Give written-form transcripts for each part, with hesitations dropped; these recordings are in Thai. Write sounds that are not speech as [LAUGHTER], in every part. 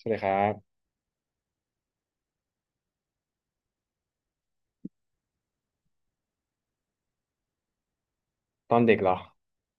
สวัสดีครับตอนเด็กเหรอ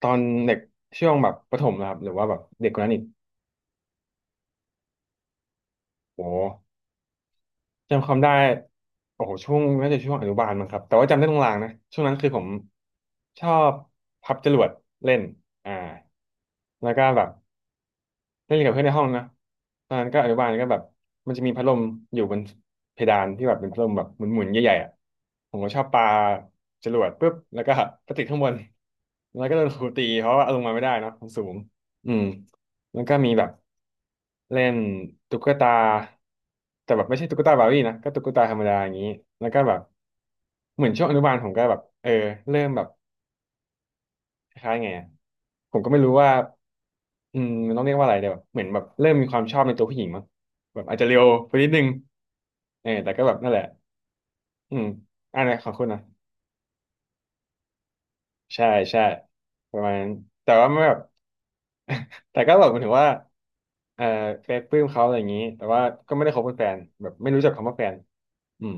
ตอนเด็กช่วงแบบประถมนะครับหรือว่าแบบเด็กกว่านั้นอีกโอ้โหจำความได้โอ้โหช่วงน่าจะช่วงอนุบาลมั้งครับแต่ว่าจำได้ตรงลางๆนะช่วงนั้นคือผมชอบพับจรวดเล่นอ่าแล้วก็แบบ เล่นกับเพื่อนในห้องนะตอนนั้นก็อนุบาลก็แบบมันจะมีพัดลมอยู่บนเพดานที่แบบเป็นพัดลมแบบหมุนๆใหญ่ๆอ่ะผมก็ชอบปาจรวดปุ๊บแล้วก็ไปติดข้างบนแล้วก็โดนครูตีเพราะว่าเอาลงมาไม่ได้เนอะมันสูงอืมแล้วก็มีแบบเล่นตุ๊กตาแต่แบบไม่ใช่ตุ๊กตาบาร์บี้นะก็ตุ๊กตาธรรมดาอย่างนี้แล้วก็แบบเหมือนช่วงอนุบาลผมก็แบบเออเริ่มแบบคล้ายๆไง ผมก็ไม่รู้ว่ามันต้องเรียกว่าอะไรเดี๋ยวเหมือนแบบเริ่มมีความชอบในตัวผู้หญิงมั้งแบบอาจจะเร็วไปนิดนึงเออแต่ก็แบบนั่นแหละอืมอันไหขอบคุณนะใช่ใช่ประมาณนั้นแต่ว่าไม่แบบ [LAUGHS] แต่ก็แบบหมายถึงว่าเออเคยปลื้มเขาอะไรอย่างนี้แต่ว่าก็ไม่ได้คบเป็นแฟนแบบไม่รู้จักคำว่าแฟนอืม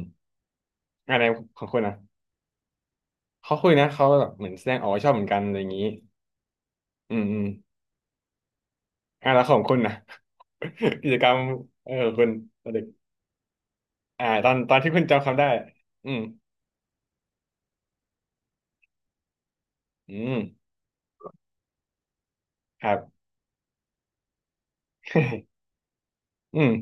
อันไหขอบคุณนะเขาคุยนะเขาแบบเหมือนแสดงออกว่าชอบเหมือนกันอะไรอย่างนี้อืมอืมอ่ะแล้วของคุณนะ [LAUGHS] กิจกรรมเออของคุณตอนเด็ก อ่าตอนที่คุณจำคำได้อืมอืมครับ [LAUGHS] อืม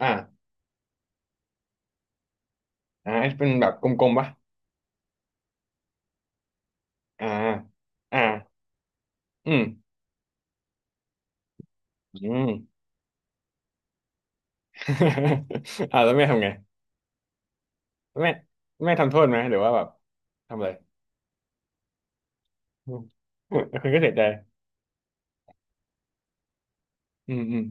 อ่าอ่าเป็นแบบกลมๆปะอ่าอ่าอืมอืม [LAUGHS] อ่าแล้วแม่ทำไงแม่แม่ทำโทษไหมหรือว่าแบบทำอะไรอืม [LAUGHS] คุณก็เสียใจอืมอืม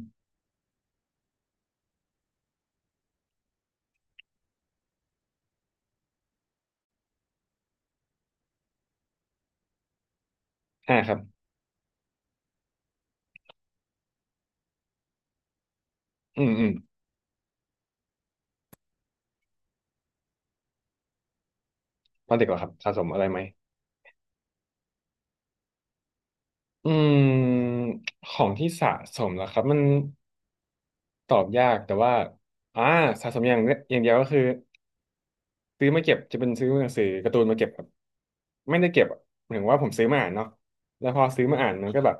อ่าครับอืมอืมตอนเด็กเหรอครับสะสมอะไรไหมอืมของที่สะสมเหรอครับมันตอบยากแต่ว่าอ่าสะสมอย่างเดียวก็คือ ซื้อมาเก็บจะเป็นซื้อหนังสือการ์ตูนมาเก็บครับไม่ได้เก็บอะหมายถึงว่าผมซื้อมาอ่านเนาะแล้วพอซื้อมาอ่านมันก็แบบ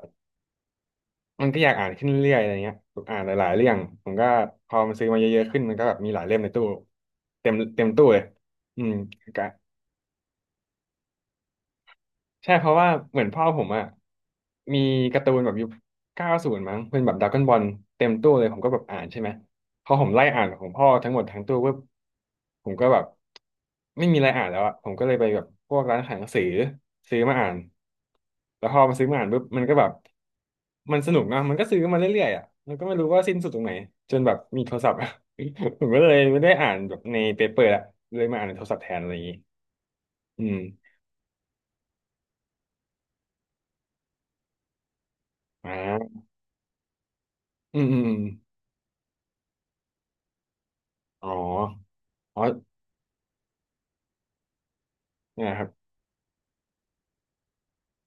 มันก็อยากอ่านขึ้นเรื่อยๆอะไรเงี้ยแอ่านหลายๆเรื่องผมก็พอมันซื้อมาเยอะๆขึ้นมันก็แบบมีหลายเล่มในตู้เต็มเต็มตู้เลยอืม ใช่เพราะว่าเหมือนพ่อผมอะมีการ์ตูนแบบยุค90มั้งเป็นแบบดราก้อนบอลเต็มตู้เลยผมก็แบบอ่านใช่ไหมพอผมไล่อ่านของพ่อทั้งหมดทั้งตู้ปุ๊บผมก็แบบไม่มีอะไรอ่านแล้วอะผมก็เลยไปแบบพวกร้านขายหนังสือซื้อมาอ่านแล้วพอมาซื้อมาอ่านปุ๊บมันก็แบบมันสนุกเนอะมันก็ซื้อมาเรื่อยๆอะมันก็ไม่รู้ว่าสิ้นสุดตรงไหนจนแบบมีโทรศัพท์อะ [LAUGHS] ผมก็เลยไม่ได้อ่านแบบในเปเปอร์ละเลยมาอ่านในโทรศัพท์แทนอะไรอย่างงี้อืมอ่าอืมอืมอืม อ๋ออ๋อเนี่ยครับ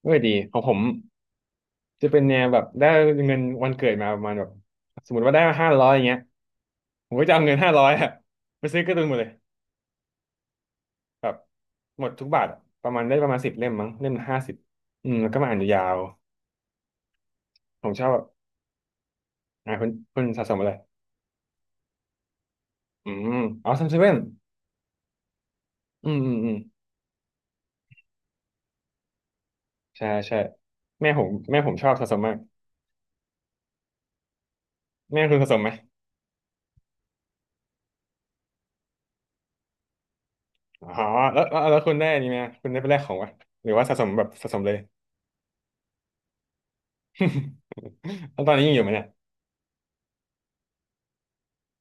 เออดีของผมจะเป็นแนวแบบได้เงินวันเกิดมาประมาณแบบสมมติว่าได้ห้าร้อยอย่างเงี้ยผมก็จะเอาเงินห้าร้อยอะไปซื้อการ์ตูนหมดเลยแบบหมดทุกบาทอะประมาณได้ประมาณสิบเล่มมั้งเล่ม50อืมแล้วก็มาอ่านยาวๆผมชอบแบบอ่าคุณสะสมอะไรอืมอ๋อซัมเซเว่นอืมอืมอืมใช่ใช่แม่ผมแม่ผมชอบสะสมมากแม่คุณสะสมไหมอ๋อแล้วคุณได้อันนี่ไหมคุณได้ไปแลกของวะหรือว่าสะสมแบบสะสมเลย [LAUGHS] แล้วตอนนี้ยังอยู่ไหมเนี่ย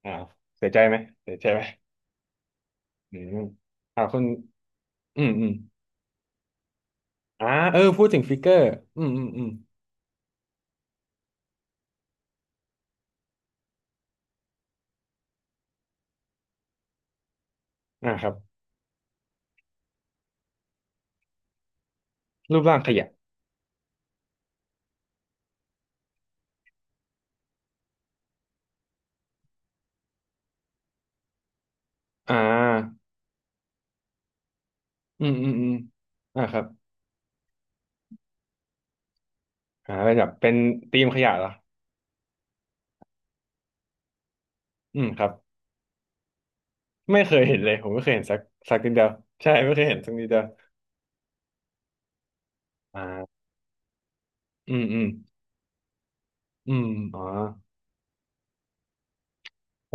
อ่าวเสียใจไหมเสียใจไหมอืมอ่าคุณอืมอืมอ่าเออพูดถึงฟิกเกอร์อืมอืมอืมอ่าครับรูปร่างขยะอ่าอืมอืมอืมอ่าครับอ่าเป็นแบบเป็นธีมขยะเหรออืมครับไม่เคยเห็นเลย ผมไม่เคยเห็นสักนิดเดียวใช่ไม่เคยเห็นสักนิดเดียวอ่าอืมอืมอืมอ๋อโห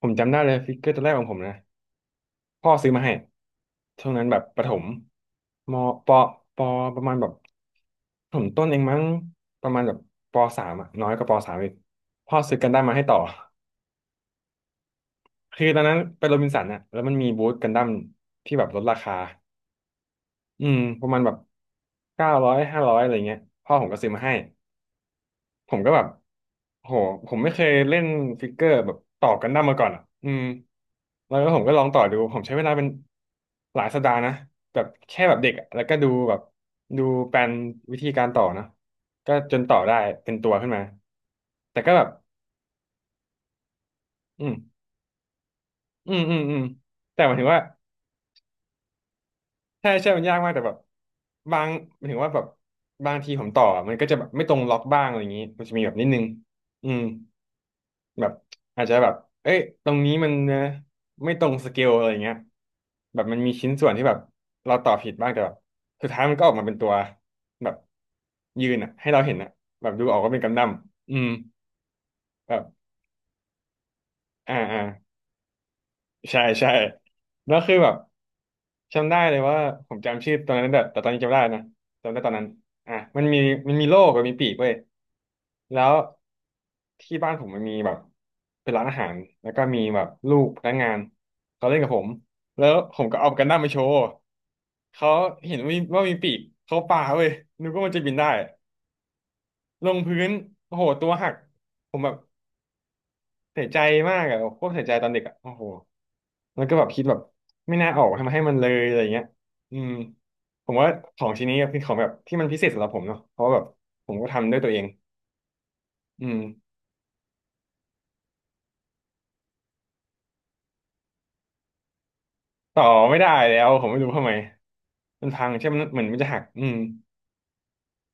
ผมจำได้เลยฟิกเกอร์ตัวแรกของผมนะ พ่อซื้อมาให้ช่วงนั้นแบบประถมมปปประมาณแบบประถมต้นเองมั้งประมาณแบบปสามอะน้อยกว่าปสามอีกพ่อซื้อกันดั้มมาให้ต่อคือตอนนั้นไปโรบินสันอะแล้วมันมีบูธกันดั้มที่แบบลดราคาอืมประมาณแบบ900ห้าร้อยอะไรเงี้ยพ่อผมก็ซื้อมาให้ ผมก็แบบโหผมไม่เคยเล่นฟิกเกอร์แบบต่อกันดั้มมาก่อนอ่ะอืมแล้วก็ผมก็ลองต่อดู ผมใช้เวลาเป็นหลายสัปดาห์นะแบบแค่แบบเด็กอะแล้วก็ดูแบบดูแปลนวิธีการต่อนะก็จนต่อได้เป็นตัวขึ้นมา แต่ก็แบบอืมอืมอืมอืมแต่หมายถึงว่าใช่ใช่มันยากมากแต่แบบบางหมายถึงว่าแบบบางทีผมต่อมันก็จะแบบไม่ตรงล็อกบ้างอะไรอย่างนี้มันจะมีแบบนิดนึงอืม แบบอาจจะแบบเอ้ยตรงนี้มันไม่ตรงสเกลอะไรเงี้ยแบบมันมีชิ้นส่วนที่แบบเราต่อผิดบ้างแต่แบบสุดท้ายมันก็ออกมาเป็นตัวแบบยืนอ่ะให้เราเห็นอ่ะแบบดูออกว่าเป็นกำดั้มอืมแบบอ่าอ่า ใช่ใช่แล้วคือแบบจำได้เลยว่าผมจำชื่อตอนนั้นแต่ตอนนี้จำไม่ได้นะจำได้ตอนนั้นอ่ะมันมีโลกกับมีปีกเว้ยแล้วที่บ้านผมมันมีแบบเป็นร้านอาหารแล้วก็มีแบบลูกพนักงานเขาเล่นกับผมแล้วผมก็เอากันดั้มมาโชว์เขาเห็นว่ามีปีกเขาปาเว้ยนึกว่ามันจะบินได้ลงพื้นโอ้โหตัวหักผมแบบเสียใจมากอะโคตรเสียใจตอนเด็กอะโอ้โห แล้วก็แบบคิดแบบไม่น่าออกทำให้มันเลยอะไรเงี้ยอืมผมว่าของชิ้นนี้เป็นของแบบที่มันพิเศษสำหรับผมเนาะเพราะว่าแบบผมก็ทำด้วยตัวเองอืมต่อไม่ได้แล้วผมไม่รู้ทำไมมันพังใช่ไหมมันเหมือนมันจะหัก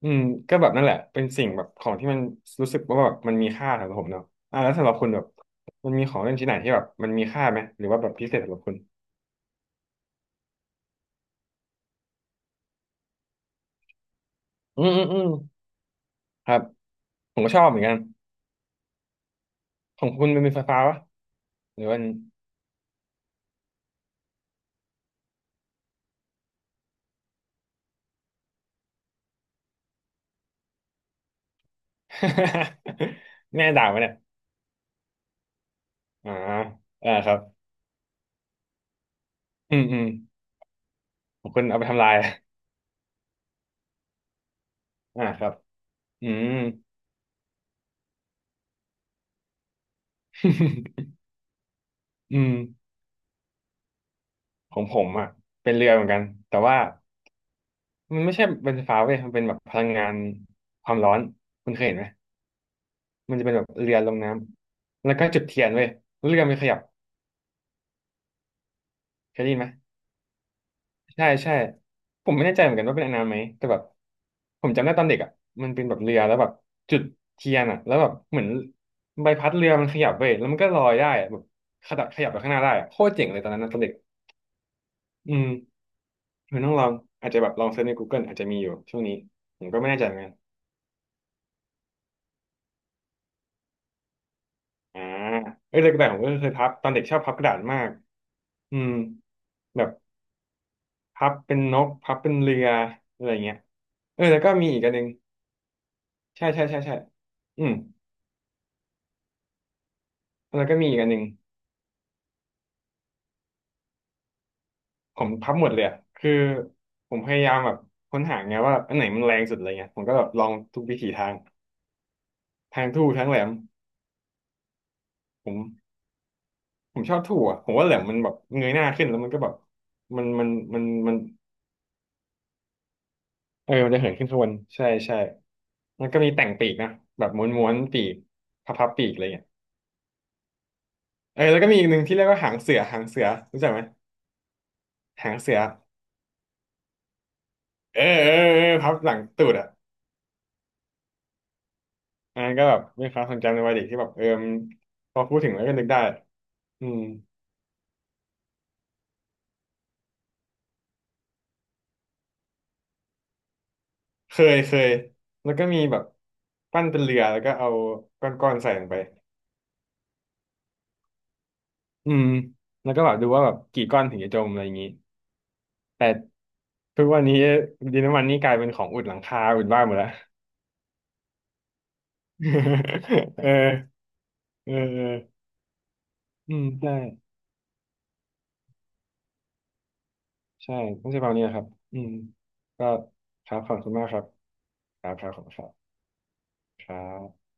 อืมก็แบบนั่นแหละเป็นสิ่งแบบของที่มันรู้สึกว่าแบบมันมีค่าสำหรับผมเนาะอ่าแล้วสำหรับคุณแบบมันมีของเล่นชิ้นไหนที่แบบมันมีค่าไหมหรือว่าแบบพิเศษสำหรับคุณอืมอืมอืมครับผมก็ชอบเหมือนกันของคุณมันเป็นไฟฟ้าปะหรือว่า [LAUGHS] แม่ด่าไหมเนี่ยอ่าอ่าครับอืมอืมของคุณเอาไปทำลายอ่าครับอืม [LAUGHS] อืมของผมอ่ะเป็นเรือเหมือนกันแต่ว่ามันไม่ใช่เป็นไฟฟ้าเว้ยมันเป็นแบบพลังงานความร้อนคุณเคยเห็นไหม มันจะเป็นแบบเรือลงน้ำ แล้วก็จุดเทียนเว้ยแล้วเรือมันขยับ เคยได้ยินไหม ใช่ใช่ผมไม่แน่ใจเหมือนกันว่าเป็นอันนั้นไหมแต่แบบผมจำได้ตอนเด็กอ่ะมันเป็นแบบเรือแล้วแบบจุดเทียนอ่ะแล้วแบบเหมือนใบพัดเรือมันขยับเว้ยแล้วมันก็ลอยได้อะแบบขยับไปข้างหน้าได้อะโคตรเจ๋งเลยตอนนั้นนะตอนเด็กอืมมันต้องลองอาจจะแบบลองเซิร์ชใน Google อาจจะมีอยู่ช่วงนี้ผมก็ไม่แน่ใจเหมือนกันอ่าเอ้ยแต่กระดาษผมก็เคยพับตอนเด็กชอบพับกระดาษมากอืมแบบพับเป็นนกพับเป็นเรืออะไรเงี้ยเออแล้วก็มีอีกอันหนึ่งใช่ใช่ใช่ใช่อืมแล้วก็มีอีกอันหนึ่ง ผมพับหมดเลยอะคือผมพยายามแบบค้นหาไงว่าอันไหนมันแรงสุดอะไรเงี้ยผมก็แบบลองทุกวิถีทาง ทางทู่ทั้งแหลมผมผมชอบทู่อะผมว่าแหลมมันแบบเงยหน้าขึ้นแล้วมันก็แบบมันมันมันมันเออมันจะเหินขึ้นข้างบนใช่ใช่แล้วก็มีแต่งปีกนะแบบม้วนปีกพับปีกอะไรเงี้ยเออแล้วก็มีอีกหนึ่งที่เรียกว่าหางเสือหางเสือรู้จักไหมหางเสือเออเออเออพับหลังตูดอ่ะอันนั้นก็แบบเป็นความทรงจำในวัยเด็กที่แบบเออมันพอพูดถึงแล้วก็นึกได้อืม เคยเคยแล้วก็มีแบบปั้นเป็นเรือแล้วก็เอาก้อนๆใส่ลงไป อืม แล้วก็แบบดูว่าแบบกี่ก้อนถึงจะจมอะไรอย่างนี้ แต่ทุกวันนี้ดินน้ำมันนี่กลายเป็นของอุดหลังคาอุดบ้านหมดแล้ว [LAUGHS] เออเออเอออืมใช่ใช่ต้องใช้ประมาณนี้นะครับอืมก็ครับ ขอบคุณมากครับครับครับขอบคุณครับครับ